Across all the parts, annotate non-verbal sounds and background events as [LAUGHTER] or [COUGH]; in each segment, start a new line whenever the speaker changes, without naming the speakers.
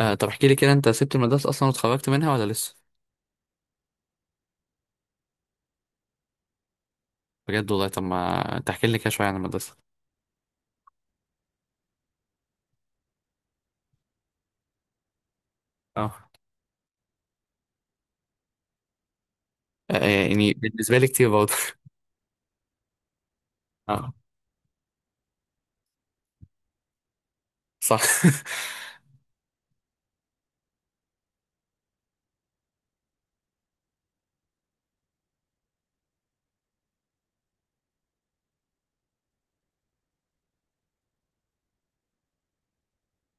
طب احكي لي كده، انت سبت المدرسة اصلا واتخرجت منها ولا لسه؟ بجد والله. طب ما تحكي لي كده شوية عن المدرسة. اه. آه، يعني بالنسبة لي كتير برضه. [LAUGHS] اه. صح. [LAUGHS]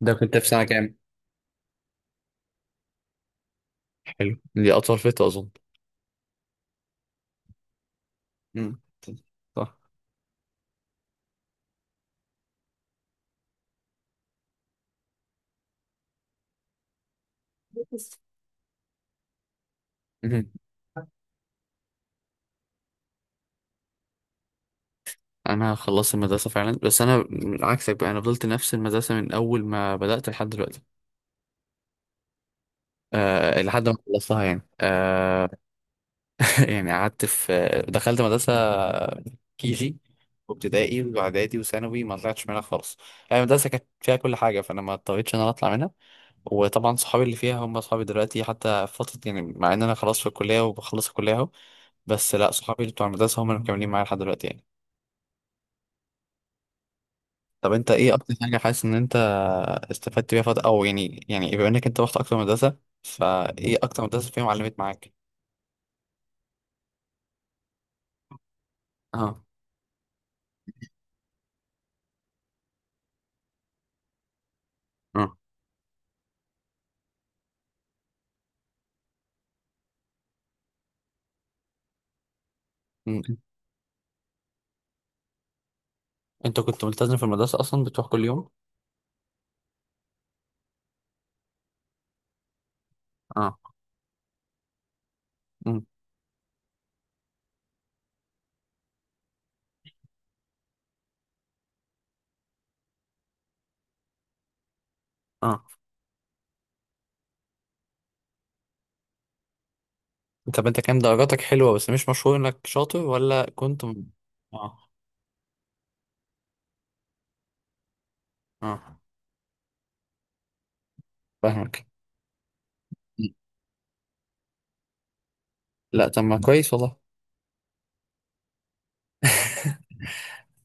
ده كنت في سنة كام؟ حلو، دي اطول فترة اظن. امم. صح. مهم. انا خلصت المدرسه فعلا، بس انا من عكسك بقى، انا فضلت نفس المدرسه من اول ما بدات لحد دلوقتي. أه لحد ما خلصتها يعني. قعدت في دخلت مدرسة كيجي وابتدائي واعدادي وثانوي، ما طلعتش منها خالص. يعني المدرسة كانت فيها كل حاجة، فانا ما اضطريتش ان انا اطلع منها. وطبعا صحابي اللي فيها هم صحابي دلوقتي، حتى في فترة يعني، مع ان انا خلاص في الكلية وبخلص الكلية اهو. بس لا، صحابي اللي بتوع المدرسة هم اللي مكملين معايا لحد دلوقتي يعني. طب انت ايه اكتر حاجة حاسس ان انت استفدت بيها فترة، او يعني بما انك انت رحت اكتر مدرسة، فايه اكتر مدرسة فيهم علمت معاك؟ اه. اه. م. انت كنت ملتزم في المدرسة اصلا، بتروح كل يوم؟ اه. مم. اه، طب انت كان درجاتك حلوة بس مش مشهور انك شاطر، ولا كنت اه. اه. فاهمك. لا، طب ما كويس والله.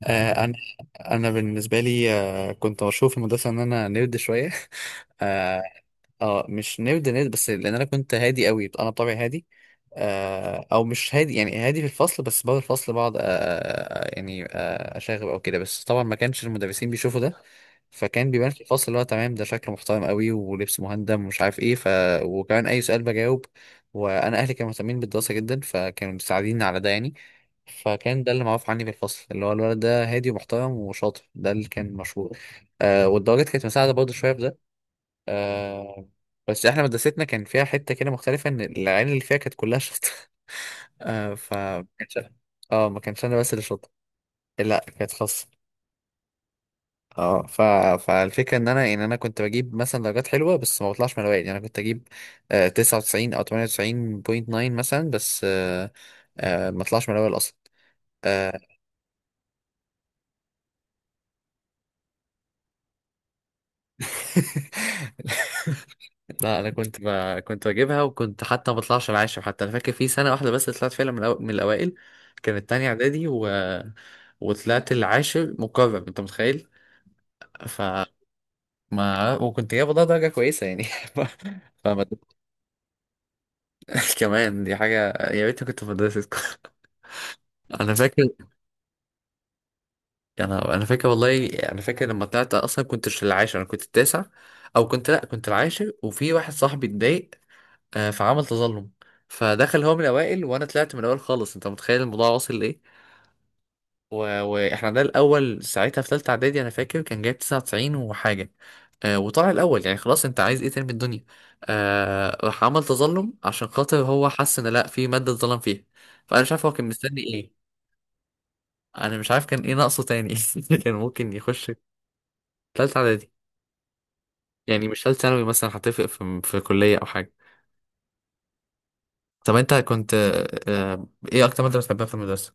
آه انا انا بالنسبة لي كنت مشهور في المدرسة ان انا نيرد شوية. [LAUGHS] اه. مش نيرد نيرد، بس لان انا كنت هادي قوي، انا بطبعي هادي. او مش هادي، يعني هادي في الفصل بس بعد الفصل بقعد، يعني اشاغب او كده، بس طبعا ما كانش المدرسين بيشوفوا ده. فكان بيبان في الفصل اللي هو تمام، ده شكله محترم قوي ولبس مهندم ومش عارف ايه، ف... وكمان اي سؤال بجاوب، وانا اهلي كانوا مهتمين بالدراسه جدا فكانوا مساعديني على ده يعني. فكان ده اللي معروف عني في الفصل، اللي هو الولد ده هادي ومحترم وشاطر، ده اللي كان مشهور. والدرجات كانت مساعده برضه شويه في ده. آه بس احنا مدرستنا كان فيها حتة كده مختلفة، ان العيال اللي فيها كانت كلها شاطرة. [LAUGHS] آه ف ما كانش. اه، ما كانش انا بس اللي شاطر. لا، كانت خاصة. اه ف... فالفكرة ان انا كنت بجيب مثلا درجات حلوة، بس ما بطلعش من الاوائل، يعني انا كنت اجيب 99 او 98.9 مثلا، بس آه ما اطلعش من الاوائل اصلا. آه [LAUGHS] لا، انا كنت بجيبها، وكنت حتى ما بطلعش العاشر. حتى انا فاكر في سنه واحده بس طلعت فعلا من، من الاوائل، كانت تانية اعدادي وطلعت العاشر مكرم، انت متخيل؟ ف ما وكنت جايب والله درجه كويسه يعني. [LAUGHS] ف... فما... [LAUGHS] كمان دي حاجه. يا ريتني كنت في مدرسه. [LAUGHS] انا فاكر. انا فاكر والله، انا فاكر لما طلعت اصلا كنتش العاشر، انا كنت التاسع، او كنت لا كنت العاشر، وفي واحد صاحبي اتضايق، فعمل تظلم، فدخل هو من الاوائل وانا طلعت من الاول خالص. انت متخيل الموضوع واصل لايه؟ و... واحنا ده الاول ساعتها في ثالثه اعدادي، انا فاكر كان جايب 99 وحاجه وطلع الاول. يعني خلاص انت عايز ايه تاني من الدنيا؟ راح عمل تظلم عشان خاطر هو حس ان لا، في ماده اتظلم فيها. فانا مش عارف هو كان مستني ايه. انا مش عارف كان ايه ناقصه تاني. [LAUGHS] كان ممكن يخش ثالثه اعدادي، يعني مش ثالث ثانوي مثلا هتفرق في كليه او حاجه. طب انت كنت آه، ايه اكتر ماده بتحبها في المدرسه؟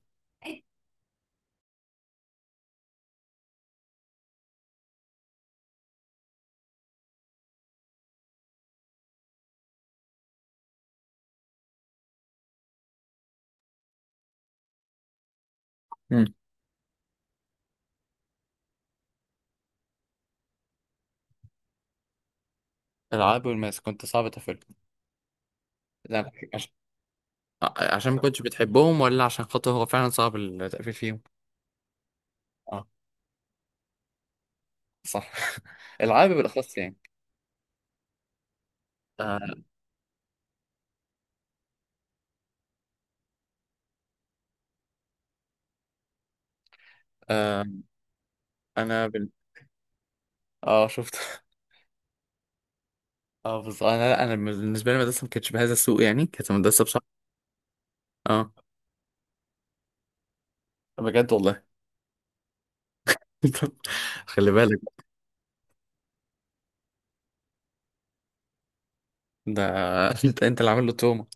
العاب والماس كنت صعب تقفل؟ لا، عشان ما كنتش بتحبهم، ولا عشان خاطر هو فعلا صعب التقفيل فيهم؟ اه. صح. [LAUGHS] العاب بالاخص يعني. آه آه انا بال... اه، شفت. [LAUGHS] اه، بس انا لا انا بالنسبه لي المدرسه ما كانتش بهذا السوء، يعني كانت مدرسه بصح. اه، بجد والله. [LAUGHS] خلي بالك. ده [LAUGHS] انت اللي عامل له توما.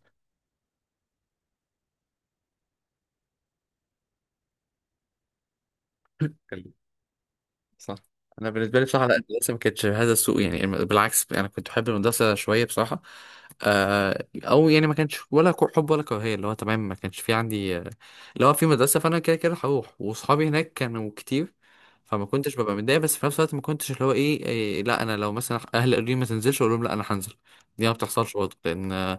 [LAUGHS] صح. انا بالنسبه لي بصراحه لا، المدرسه ما كانتش هذا السوء، يعني بالعكس انا كنت بحب المدرسه شويه بصراحه. او يعني، ما كانش ولا حب ولا كراهيه، اللي هو تمام ما كانش في عندي اللي هو في مدرسه، فانا كده كده هروح واصحابي هناك كانوا كتير، فما كنتش ببقى متضايق، بس في نفس الوقت ما كنتش اللي هو ايه, إيه لا، انا لو مثلا اهلي قالوا لي ما تنزلش اقول لهم لا، انا هنزل. دي ما بتحصلش برضه لان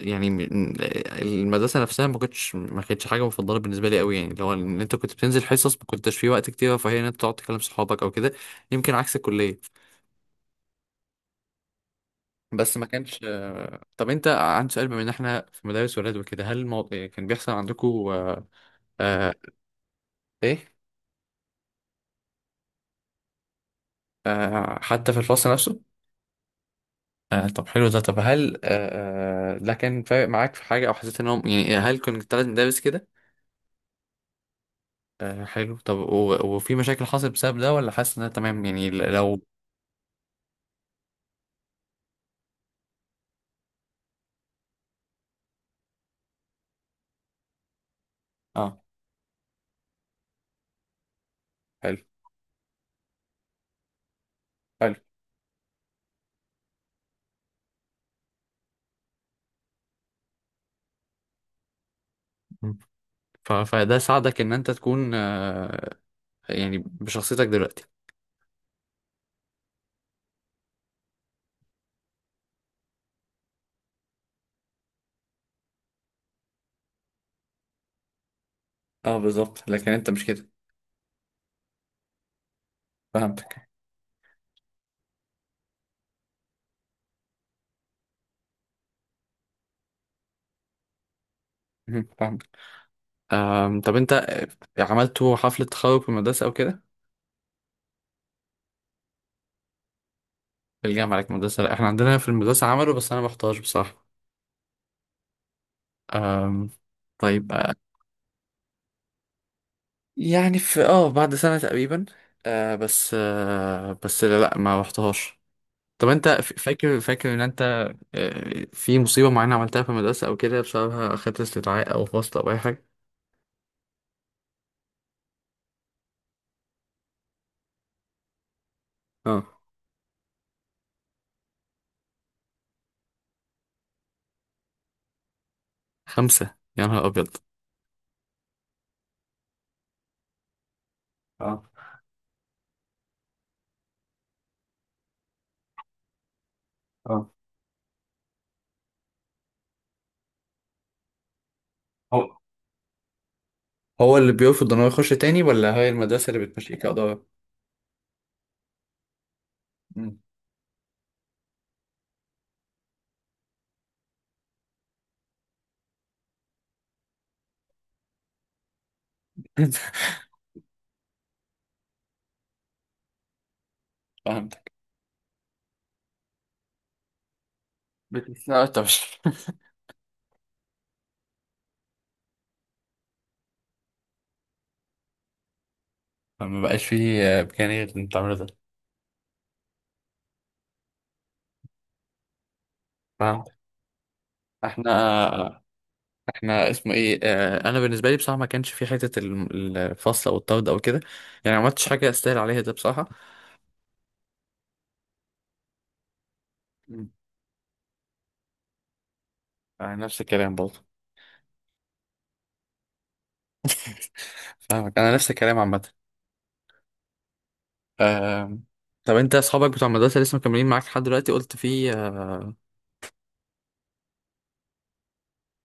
يعني المدرسة نفسها ما كانتش حاجة مفضلة بالنسبة لي قوي. يعني لو ان انت كنت بتنزل حصص ما كنتش في وقت كتير، فهي ان انت تقعد تكلم صحابك او كده، يمكن عكس الكلية، بس ما كانش طب انت عندي سؤال، بما ان احنا في مدارس ولاد وكده، هل كان بيحصل عندكم آه... ايه حتى في الفصل نفسه؟ طب حلو ده. طب هل ده كان فارق معاك في حاجة، او حسيت انهم يعني هل كنت ثلاث مدارس كده؟ حلو. طب وفي مشاكل حصلت بسبب ده، ولا حاسس انها تمام؟ يعني لو. اه. حلو حلو. فده ساعدك ان انت تكون يعني بشخصيتك دلوقتي. اه، بالظبط. لكن انت مش كده. فهمتك. مهم. فهمتك. طب انت عملتوا حفلة تخرج في المدرسة او كده؟ في الجامعة لك مدرسة؟ لا، احنا عندنا في المدرسة عملوا بس انا ما رحتهاش بصراحة. أم، طيب يعني في، بعد سنة تقريبا. بس بس لا، لا، ما رحتهاش. طب انت فاكر ان انت في مصيبة معينة عملتها في المدرسة او كده بسببها اخدت استدعاء او فصل او اي حاجة؟ اه. خمسة، يا نهار أبيض! اه. اه. هو هو اللي بيرفض ان هو يخش تاني، ولا هي المدرسة اللي بتمشيك كإدارة؟ مم. [LAUGHS] فهمتك. بتسمع طب. [LAUGHS] ما بقاش فيه إمكانية غير إن تعمله ده. فاهم. احنا احنا اسمه ايه، انا بالنسبه لي بصراحه ما كانش في حته الفصل او الطرد او كده، يعني ما عملتش حاجه استاهل عليها ده بصراحه. مم. نفس الكلام برضه. [LAUGHS] فاهمك، انا نفس الكلام عامه. آم، طب انت اصحابك بتوع المدرسه لسه مكملين معاك لحد دلوقتي، قلت؟ في؟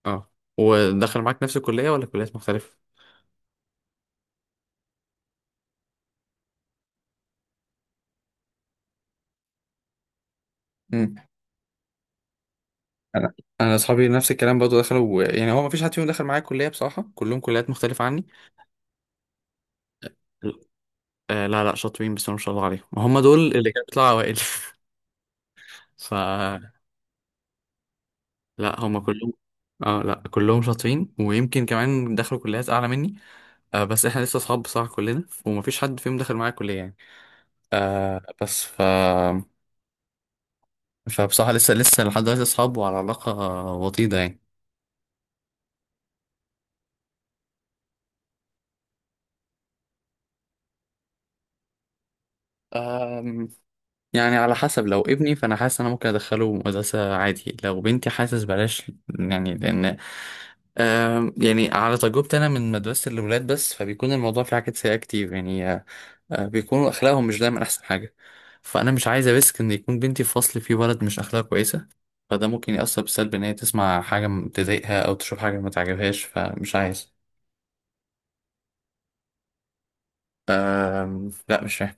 اه. ودخل معاك نفس الكلية ولا كليات مختلفة؟ مم. انا، انا اصحابي نفس الكلام برضه دخلوا، يعني هو ما فيش حد فيهم دخل معايا كليه بصراحه، كلهم كليات مختلفه عني. لا لا، شاطرين بس ما شاء الله عليهم، هم دول اللي كانوا بيطلعوا اوائل. [LAUGHS] ف. لا، هم كلهم. اه لا، كلهم شاطرين، ويمكن كمان دخلوا كليات اعلى مني. بس احنا لسه اصحاب بصراحه كلنا، ومفيش حد فيهم دخل معايا كليه يعني. آه بس ف فبصراحه لسه لحد دلوقتي اصحاب وعلى علاقه وطيده. يعني على حسب، لو ابني فانا حاسس انا ممكن ادخله مدرسه عادي، لو بنتي حاسس بلاش. يعني لان يعني على تجربتي انا من مدرسه الاولاد بس، فبيكون الموضوع فيه حاجات سيئه كتير يعني. بيكونوا اخلاقهم مش دايما احسن حاجه، فانا مش عايز اريسك ان يكون بنتي في فصل فيه ولد مش اخلاقه كويسه، فده ممكن يأثر بالسلب ان هي تسمع حاجه تضايقها او تشوف حاجه ما تعجبهاش فمش عايز. لا، مش فاهم.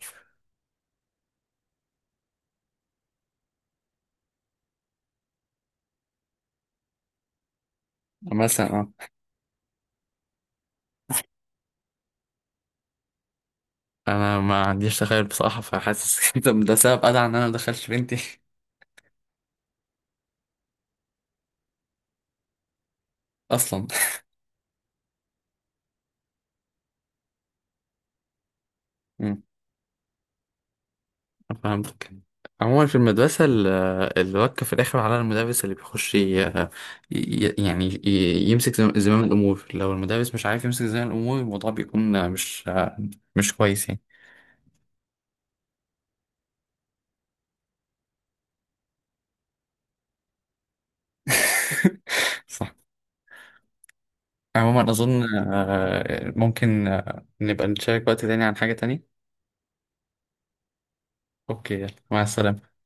مثلا اه انا ما عنديش تخيل بصراحه، فحاسس [LAUGHS] كده، ده سبب ادعى ان انا ما ادخلش بنتي اصلا. مم. فهمتك. عموما في المدرسة الوكة في الآخر على المدرس اللي بيخش يعني يمسك زمام الأمور. لو المدرس مش عارف يمسك زمام الأمور، الموضوع بيكون مش كويس يعني. [LAUGHS] صح. عموما أظن ممكن نبقى نشارك وقت تاني عن حاجة تانية. أوكي، يلا مع السلامة.